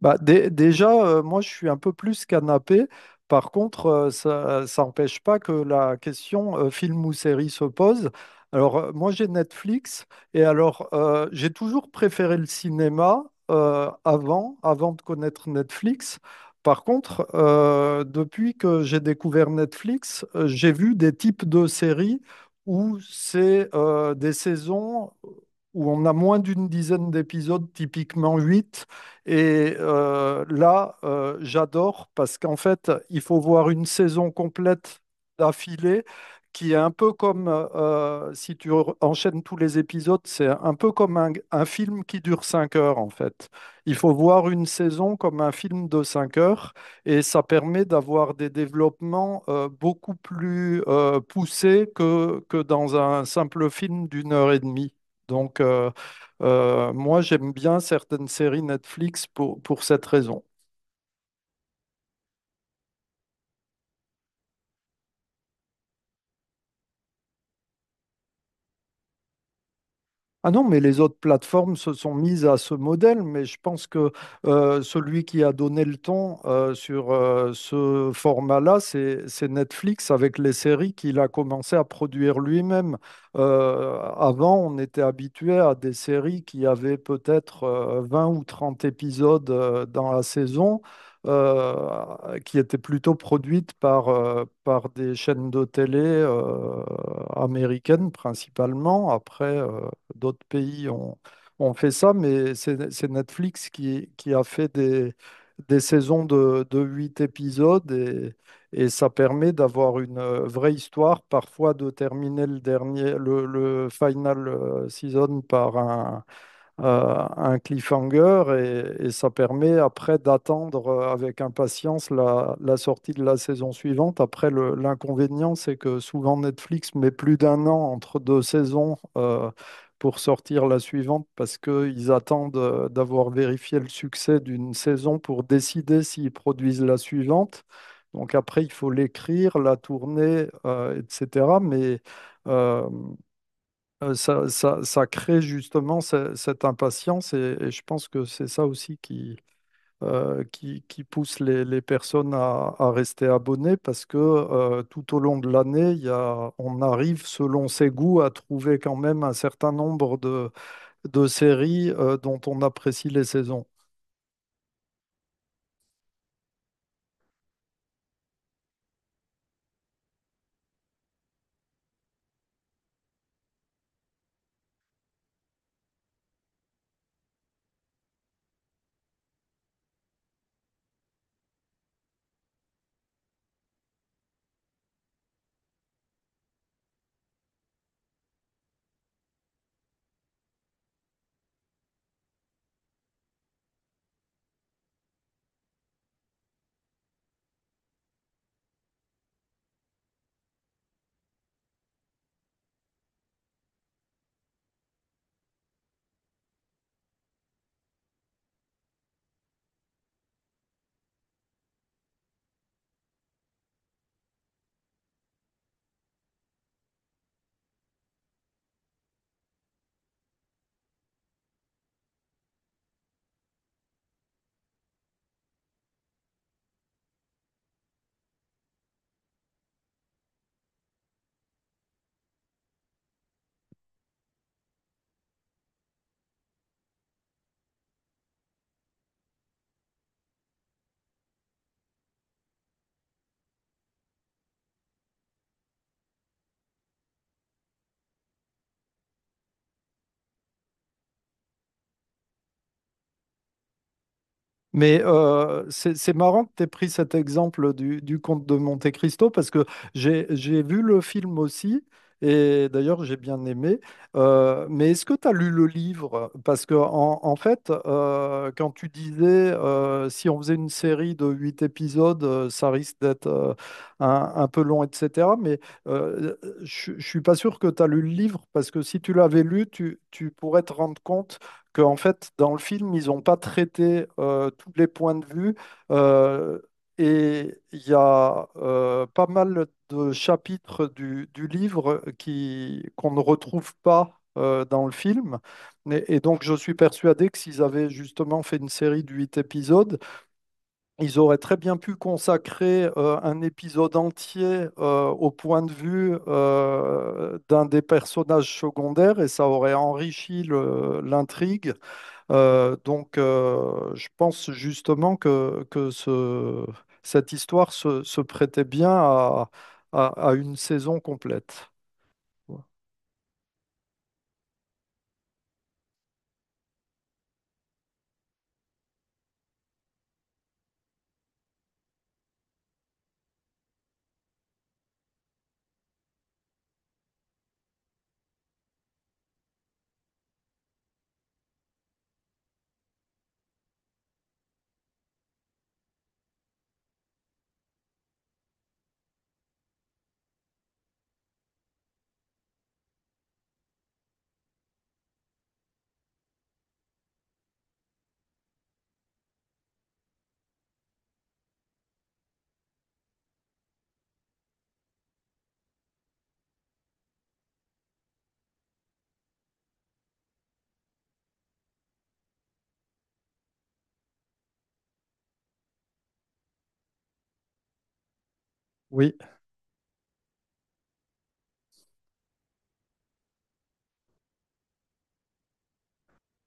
Bah, déjà, moi, je suis un peu plus canapé. Par contre, ça n'empêche pas que la question film ou série se pose. Alors, moi, j'ai Netflix et alors, j'ai toujours préféré le cinéma avant de connaître Netflix. Par contre, depuis que j'ai découvert Netflix, j'ai vu des types de séries où c'est des saisons où on a moins d'une dizaine d'épisodes, typiquement 8. Et là, j'adore parce qu'en fait, il faut voir une saison complète d'affilée qui est un peu comme, si tu enchaînes tous les épisodes, c'est un peu comme un film qui dure 5 heures en fait. Il faut voir une saison comme un film de 5 heures et ça permet d'avoir des développements beaucoup plus poussés que dans un simple film d'une heure et demie. Donc, moi, j'aime bien certaines séries Netflix pour cette raison. Ah non, mais les autres plateformes se sont mises à ce modèle, mais je pense que celui qui a donné le ton sur ce format-là, c'est Netflix avec les séries qu'il a commencé à produire lui-même. Avant, on était habitué à des séries qui avaient peut-être 20 ou 30 épisodes dans la saison, qui étaient plutôt produites par des chaînes de télé américaines principalement. Après, d'autres pays ont fait ça, mais c'est Netflix qui a fait des saisons de 8 épisodes et ça permet d'avoir une vraie histoire, parfois de terminer le dernier, le final season par un cliffhanger et ça permet après d'attendre avec impatience la sortie de la saison suivante. Après, l'inconvénient, c'est que souvent Netflix met plus d'un an entre deux saisons pour sortir la suivante parce qu'ils attendent d'avoir vérifié le succès d'une saison pour décider s'ils produisent la suivante. Donc après, il faut l'écrire, la tourner, etc. Mais euh, ça crée justement cette impatience et je pense que c'est ça aussi qui pousse les personnes à rester abonnées parce que tout au long de l'année, il y a, on arrive selon ses goûts à trouver quand même un certain nombre de séries dont on apprécie les saisons. Mais c'est marrant que tu aies pris cet exemple du Comte de Monte-Cristo parce que j'ai vu le film aussi et d'ailleurs j'ai bien aimé. Mais est-ce que tu as lu le livre? Parce que en fait, quand tu disais si on faisait une série de huit épisodes, ça risque d'être un peu long, etc. Mais euh, je ne suis pas sûr que tu as lu le livre parce que si tu l'avais lu, tu pourrais te rendre compte que, en fait, dans le film, ils n'ont pas traité tous les points de vue. euh, et il y a pas mal de chapitres du livre qui, qu'on ne retrouve pas dans le film. Et donc, je suis persuadé que s'ils avaient justement fait une série de huit épisodes, ils auraient très bien pu consacrer un épisode entier au point de vue d'un des personnages secondaires et ça aurait enrichi l'intrigue donc, je pense justement que cette histoire se prêtait bien à une saison complète. Oui.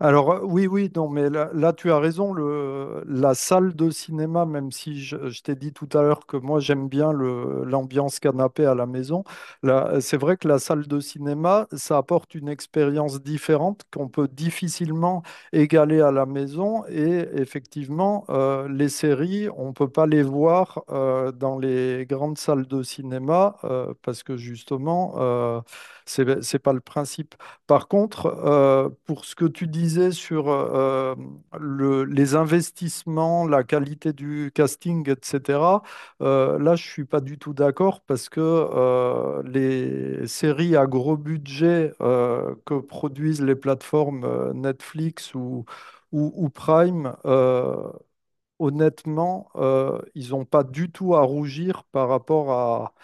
Alors oui, oui, non, mais là, là, tu as raison, la salle de cinéma, même si je t'ai dit tout à l'heure que moi j'aime bien l'ambiance canapé à la maison, là, c'est vrai que la salle de cinéma, ça apporte une expérience différente qu'on peut difficilement égaler à la maison et effectivement, les séries, on ne peut pas les voir dans les grandes salles de cinéma parce que justement, c'est pas le principe. Par contre, pour ce que tu disais sur les investissements, la qualité du casting, etc., là, je suis pas du tout d'accord parce que les séries à gros budget que produisent les plateformes Netflix ou Prime, honnêtement, ils n'ont pas du tout à rougir par rapport à,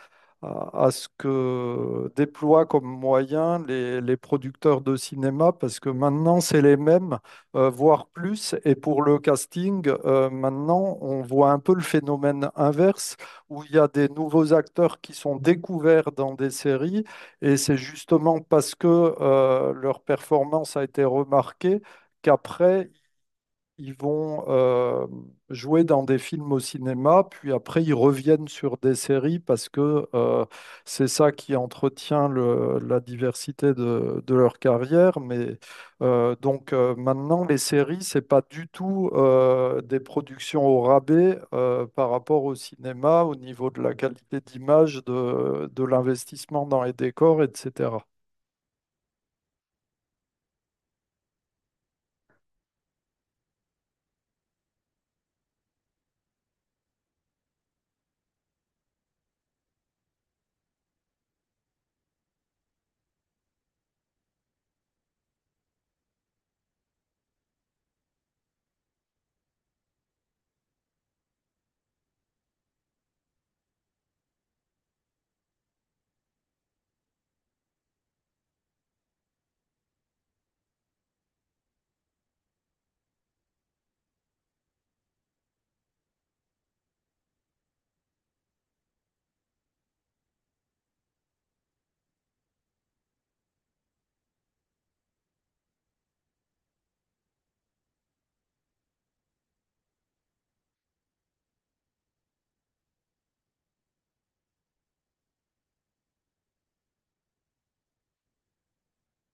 à, à ce que déploient comme moyen les producteurs de cinéma, parce que maintenant, c'est les mêmes, voire plus. Et pour le casting, maintenant, on voit un peu le phénomène inverse, où il y a des nouveaux acteurs qui sont découverts dans des séries, et c'est justement parce que leur performance a été remarquée. Qu'après, ils vont jouer dans des films au cinéma, puis après ils reviennent sur des séries parce que c'est ça qui entretient la diversité de leur carrière. Mais donc maintenant, les séries, c'est pas du tout des productions au rabais par rapport au cinéma, au niveau de la qualité d'image, de l'investissement dans les décors, etc.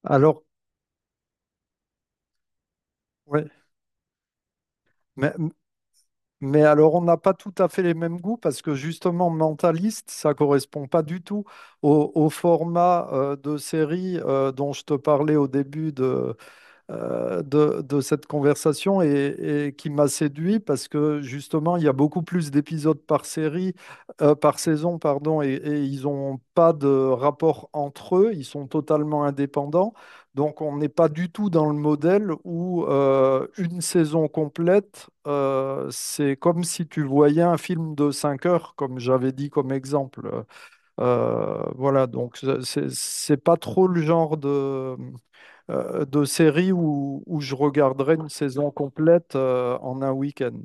Alors, ouais. Mais, Mais alors, on n'a pas tout à fait les mêmes goûts parce que justement, Mentaliste, ça correspond pas du tout au format de série dont je te parlais au début de cette conversation et qui m'a séduit parce que justement, il y a beaucoup plus d'épisodes par série, par saison, pardon, et ils n'ont pas de rapport entre eux, ils sont totalement indépendants. Donc, on n'est pas du tout dans le modèle où une saison complète, c'est comme si tu voyais un film de 5 heures, comme j'avais dit comme exemple. Voilà, donc c'est pas trop le genre de séries où je regarderais une saison complète en un week-end.